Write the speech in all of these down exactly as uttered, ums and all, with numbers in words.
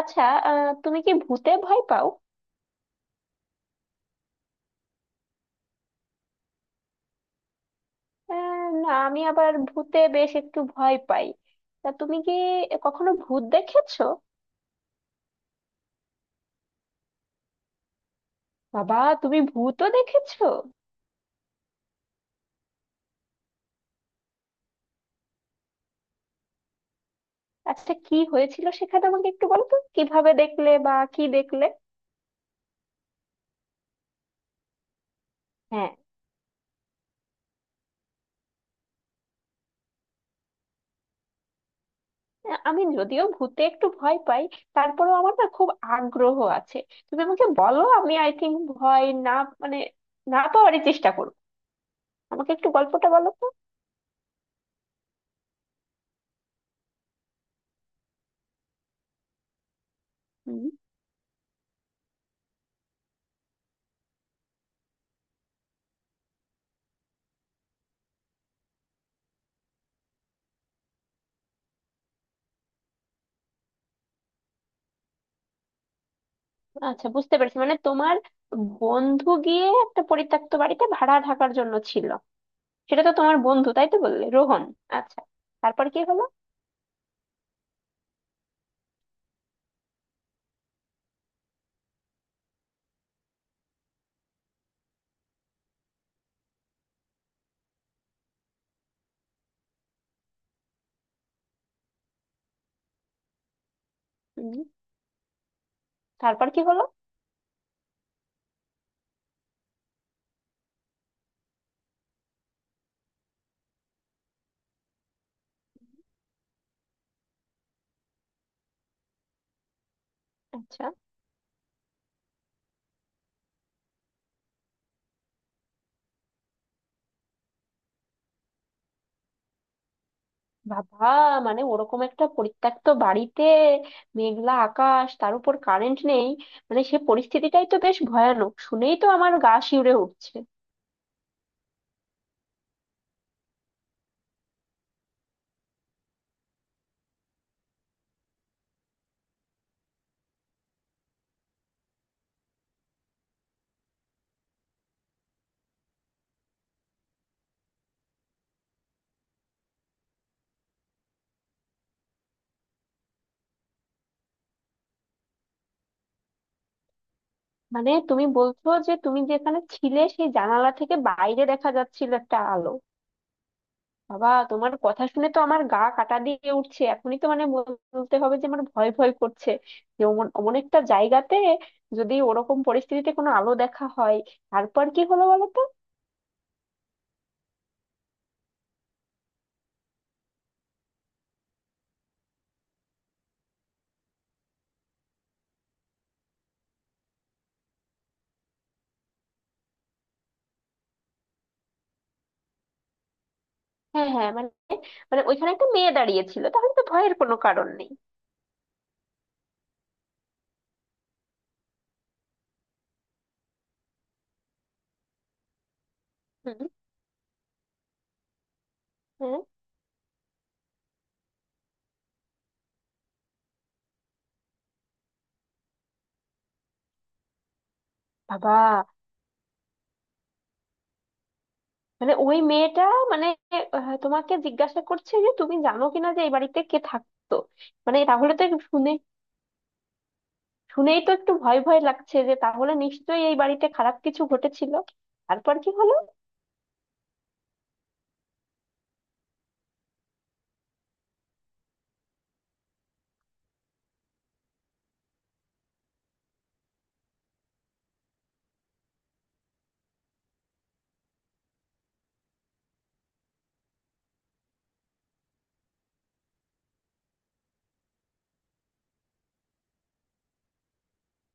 আচ্ছা। আহ, তুমি কি ভূতে ভয় পাও? আহ, না, আমি আবার ভূতে বেশ একটু ভয় পাই। তা তুমি কি কখনো ভূত দেখেছো? বাবা, তুমি ভূতও দেখেছো? আচ্ছা, কি হয়েছিল সেখানে? আমাকে একটু বলো তো কিভাবে দেখলে বা কি দেখলে। হ্যাঁ। আহ, আমি যদিও ভূতে একটু ভয় পাই, তারপরেও আমার না খুব আগ্রহ আছে। তুমি আমাকে বলো, আমি আই থিংক ভয় না মানে না পাওয়ারই চেষ্টা করবো। আমাকে একটু গল্পটা বলো তো। আচ্ছা, বুঝতে পেরেছি। মানে তোমার বন্ধু গিয়ে একটা পরিত্যক্ত বাড়িতে ভাড়া থাকার জন্য ছিল। সেটা তো তোমার বন্ধু, তাই তো বললে, রোহন। আচ্ছা, তারপর কি হলো? হুম। তারপর কি হলো? আচ্ছা। বাবা, মানে ওরকম একটা পরিত্যক্ত বাড়িতে, মেঘলা আকাশ, তার উপর কারেন্ট নেই, মানে সে পরিস্থিতিটাই তো বেশ ভয়ানক, শুনেই তো আমার গা শিউরে উঠছে। মানে তুমি বলছো যে তুমি যেখানে ছিলে সেই জানালা থেকে বাইরে দেখা যাচ্ছিল একটা আলো। বাবা, তোমার কথা শুনে তো আমার গা কাটা দিয়ে উঠছে এখনই, তো মানে বলতে হবে যে আমার ভয় ভয় করছে। যে অমন অমন একটা জায়গাতে, যদি ওরকম পরিস্থিতিতে কোনো আলো দেখা হয়। তারপর কি হলো বলো তো? হ্যাঁ, হ্যাঁ, মানে, মানে ওইখানে একটা মেয়ে দাঁড়িয়েছিল, তাহলে তো ভয়ের কোনো কারণ নেই। হুম। হ্যাঁ। বাবা, মানে ওই মেয়েটা মানে আহ, তোমাকে জিজ্ঞাসা করছে যে তুমি জানো কিনা যে এই বাড়িতে কে থাকতো। মানে তাহলে তো শুনে, শুনেই তো একটু ভয় ভয় লাগছে যে তাহলে নিশ্চয়ই এই বাড়িতে খারাপ কিছু ঘটেছিল। তারপর কি হলো?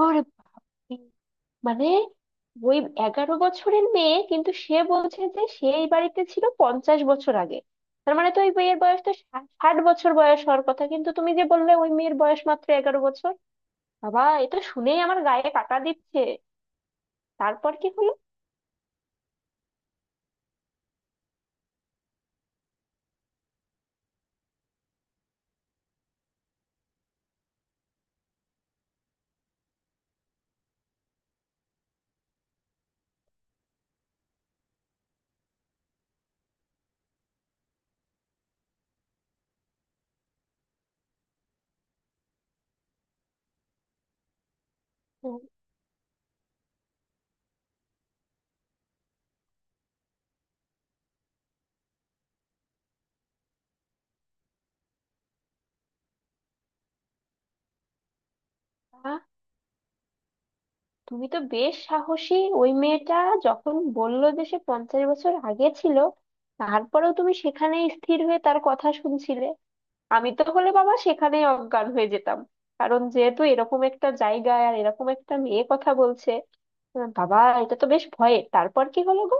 ওরে বাপরে! মানে ওই এগারো বছরের মেয়ে, কিন্তু সে বলছে যে সে এই বাড়িতে ছিল পঞ্চাশ বছর আগে। তার মানে তো ওই মেয়ের বয়স তো ষা- ষাট বছর বয়স হওয়ার কথা, কিন্তু তুমি যে বললে ওই মেয়ের বয়স মাত্র এগারো বছর। বাবা, এটা শুনেই আমার গায়ে কাটা দিচ্ছে। তারপর কি হলো? তুমি তো বেশ সাহসী। ওই মেয়েটা যখন বললো যে সে পঞ্চাশ বছর আগে ছিল, তারপরেও তুমি সেখানে স্থির হয়ে তার কথা শুনছিলে। আমি তো হলে বাবা সেখানেই অজ্ঞান হয়ে যেতাম, কারণ যেহেতু এরকম একটা জায়গায় আর এরকম একটা মেয়ে কথা বলছে। আহ, বাবা, এটা তো বেশ ভয়ের। তারপর কি হলো গো?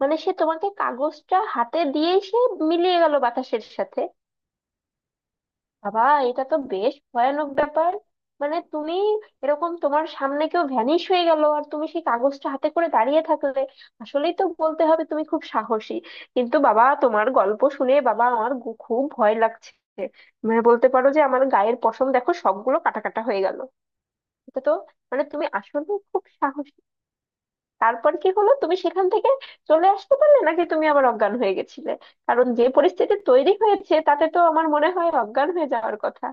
মানে সে তোমাকে কাগজটা হাতে দিয়েই সে মিলিয়ে গেল বাতাসের সাথে। বাবা, এটা তো বেশ ভয়ানক ব্যাপার। মানে তুমি, এরকম তোমার সামনে কেউ ভ্যানিশ হয়ে গেল আর তুমি সেই কাগজটা হাতে করে দাঁড়িয়ে থাকলে। আসলেই তো বলতে হবে তুমি খুব সাহসী। কিন্তু বাবা তোমার গল্প শুনে বাবা আমার গু- খুব ভয় লাগছে। মানে বলতে পারো যে আমার গায়ের পশম দেখো সবগুলো কাটা কাটা হয়ে গেল। এটা তো, মানে তুমি আসলে খুব সাহসী। তারপর কি হলো? তুমি সেখান থেকে চলে আসতে পারলে নাকি তুমি আবার অজ্ঞান হয়ে গেছিলে? কারণ যে পরিস্থিতি তৈরি হয়েছে, তাতে তো আমার মনে হয় অজ্ঞান হয়ে যাওয়ার কথা।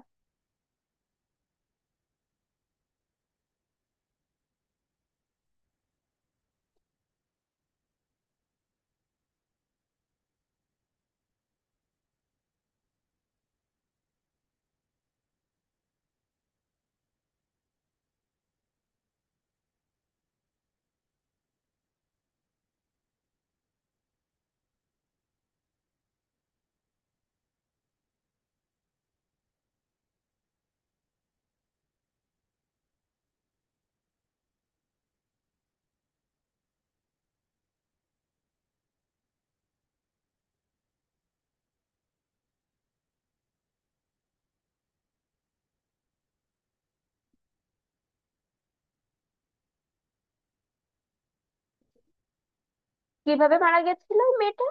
কিভাবে মারা গেছিল ওই মেয়েটা?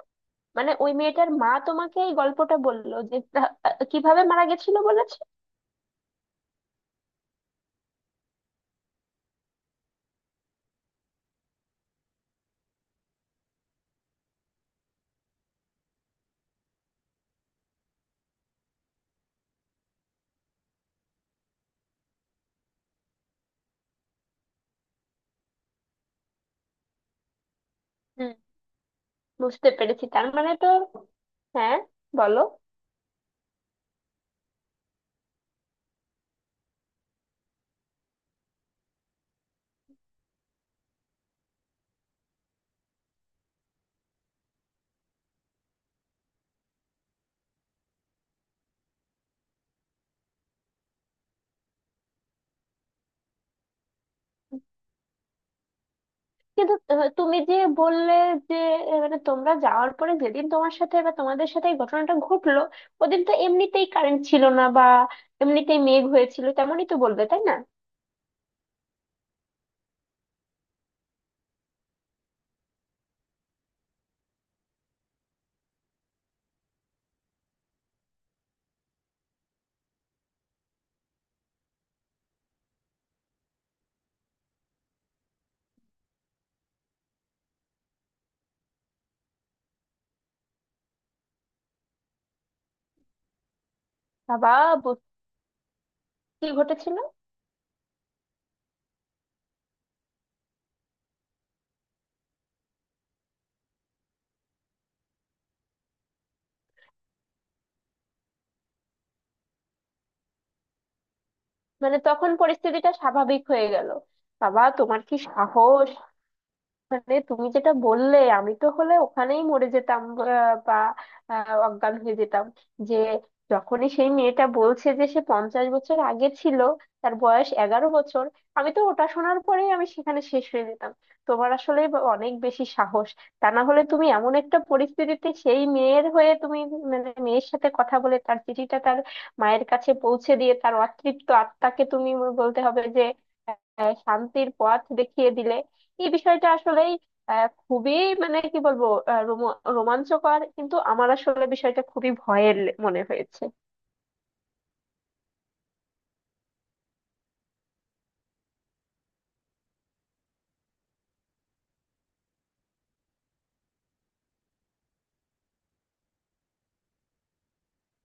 মানে ওই মেয়েটার মা তোমাকে এই গল্পটা বললো যে তা- কিভাবে মারা গেছিল বলেছে? হুম, বুঝতে পেরেছি। তার মানে তো। হ্যাঁ, বলো। কিন্তু আহ, তুমি যে বললে যে আহ, মানে তোমরা যাওয়ার পরে যেদিন তোমার সাথে বা তোমাদের সাথে এই ঘটনাটা ঘটলো। ওদিন তো এমনিতেই কারেন্ট ছিল না বা এমনিতেই মেঘ হয়েছিল, তেমনই তো বলবে, তাই না? বাবা, বু- কি ঘটেছিল? মানে তখন পরিস্থিতিটা স্বাভাবিক হয়ে গেল। বাবা, তোমার কি সাহস! মানে তুমি যেটা বললে আমি তো হলে ওখানেই মরে যেতাম, আহ, বা আহ, অজ্ঞান হয়ে যেতাম। যে যখনই সেই মেয়েটা বলছে যে সে পঞ্চাশ বছর আগে ছিল, তার বয়স এগারো বছর। আমি তো ওটা শোনার পরেই আমি সেখানে শেষ হয়ে যেতাম। তোমার আসলে অনেক বেশি সাহস। তা না হলে তুমি এমন একটা পরিস্থিতিতে সেই মেয়ের হয়ে তুমি, মানে মেয়ের সাথে কথা বলে তার চিঠিটা তার মায়ের কাছে পৌঁছে দিয়ে তার অতৃপ্ত আত্মাকে তুমি বলতে হবে যে আহ, শান্তির পথ দেখিয়ে দিলে। এই বিষয়টা আসলেই আহ, খুবই, মানে কি বলবো, আহ, রোম- রোমাঞ্চকর, কিন্তু আমার আসলে বিষয়টা খুবই ভয়ের লে- মনে হয়েছে।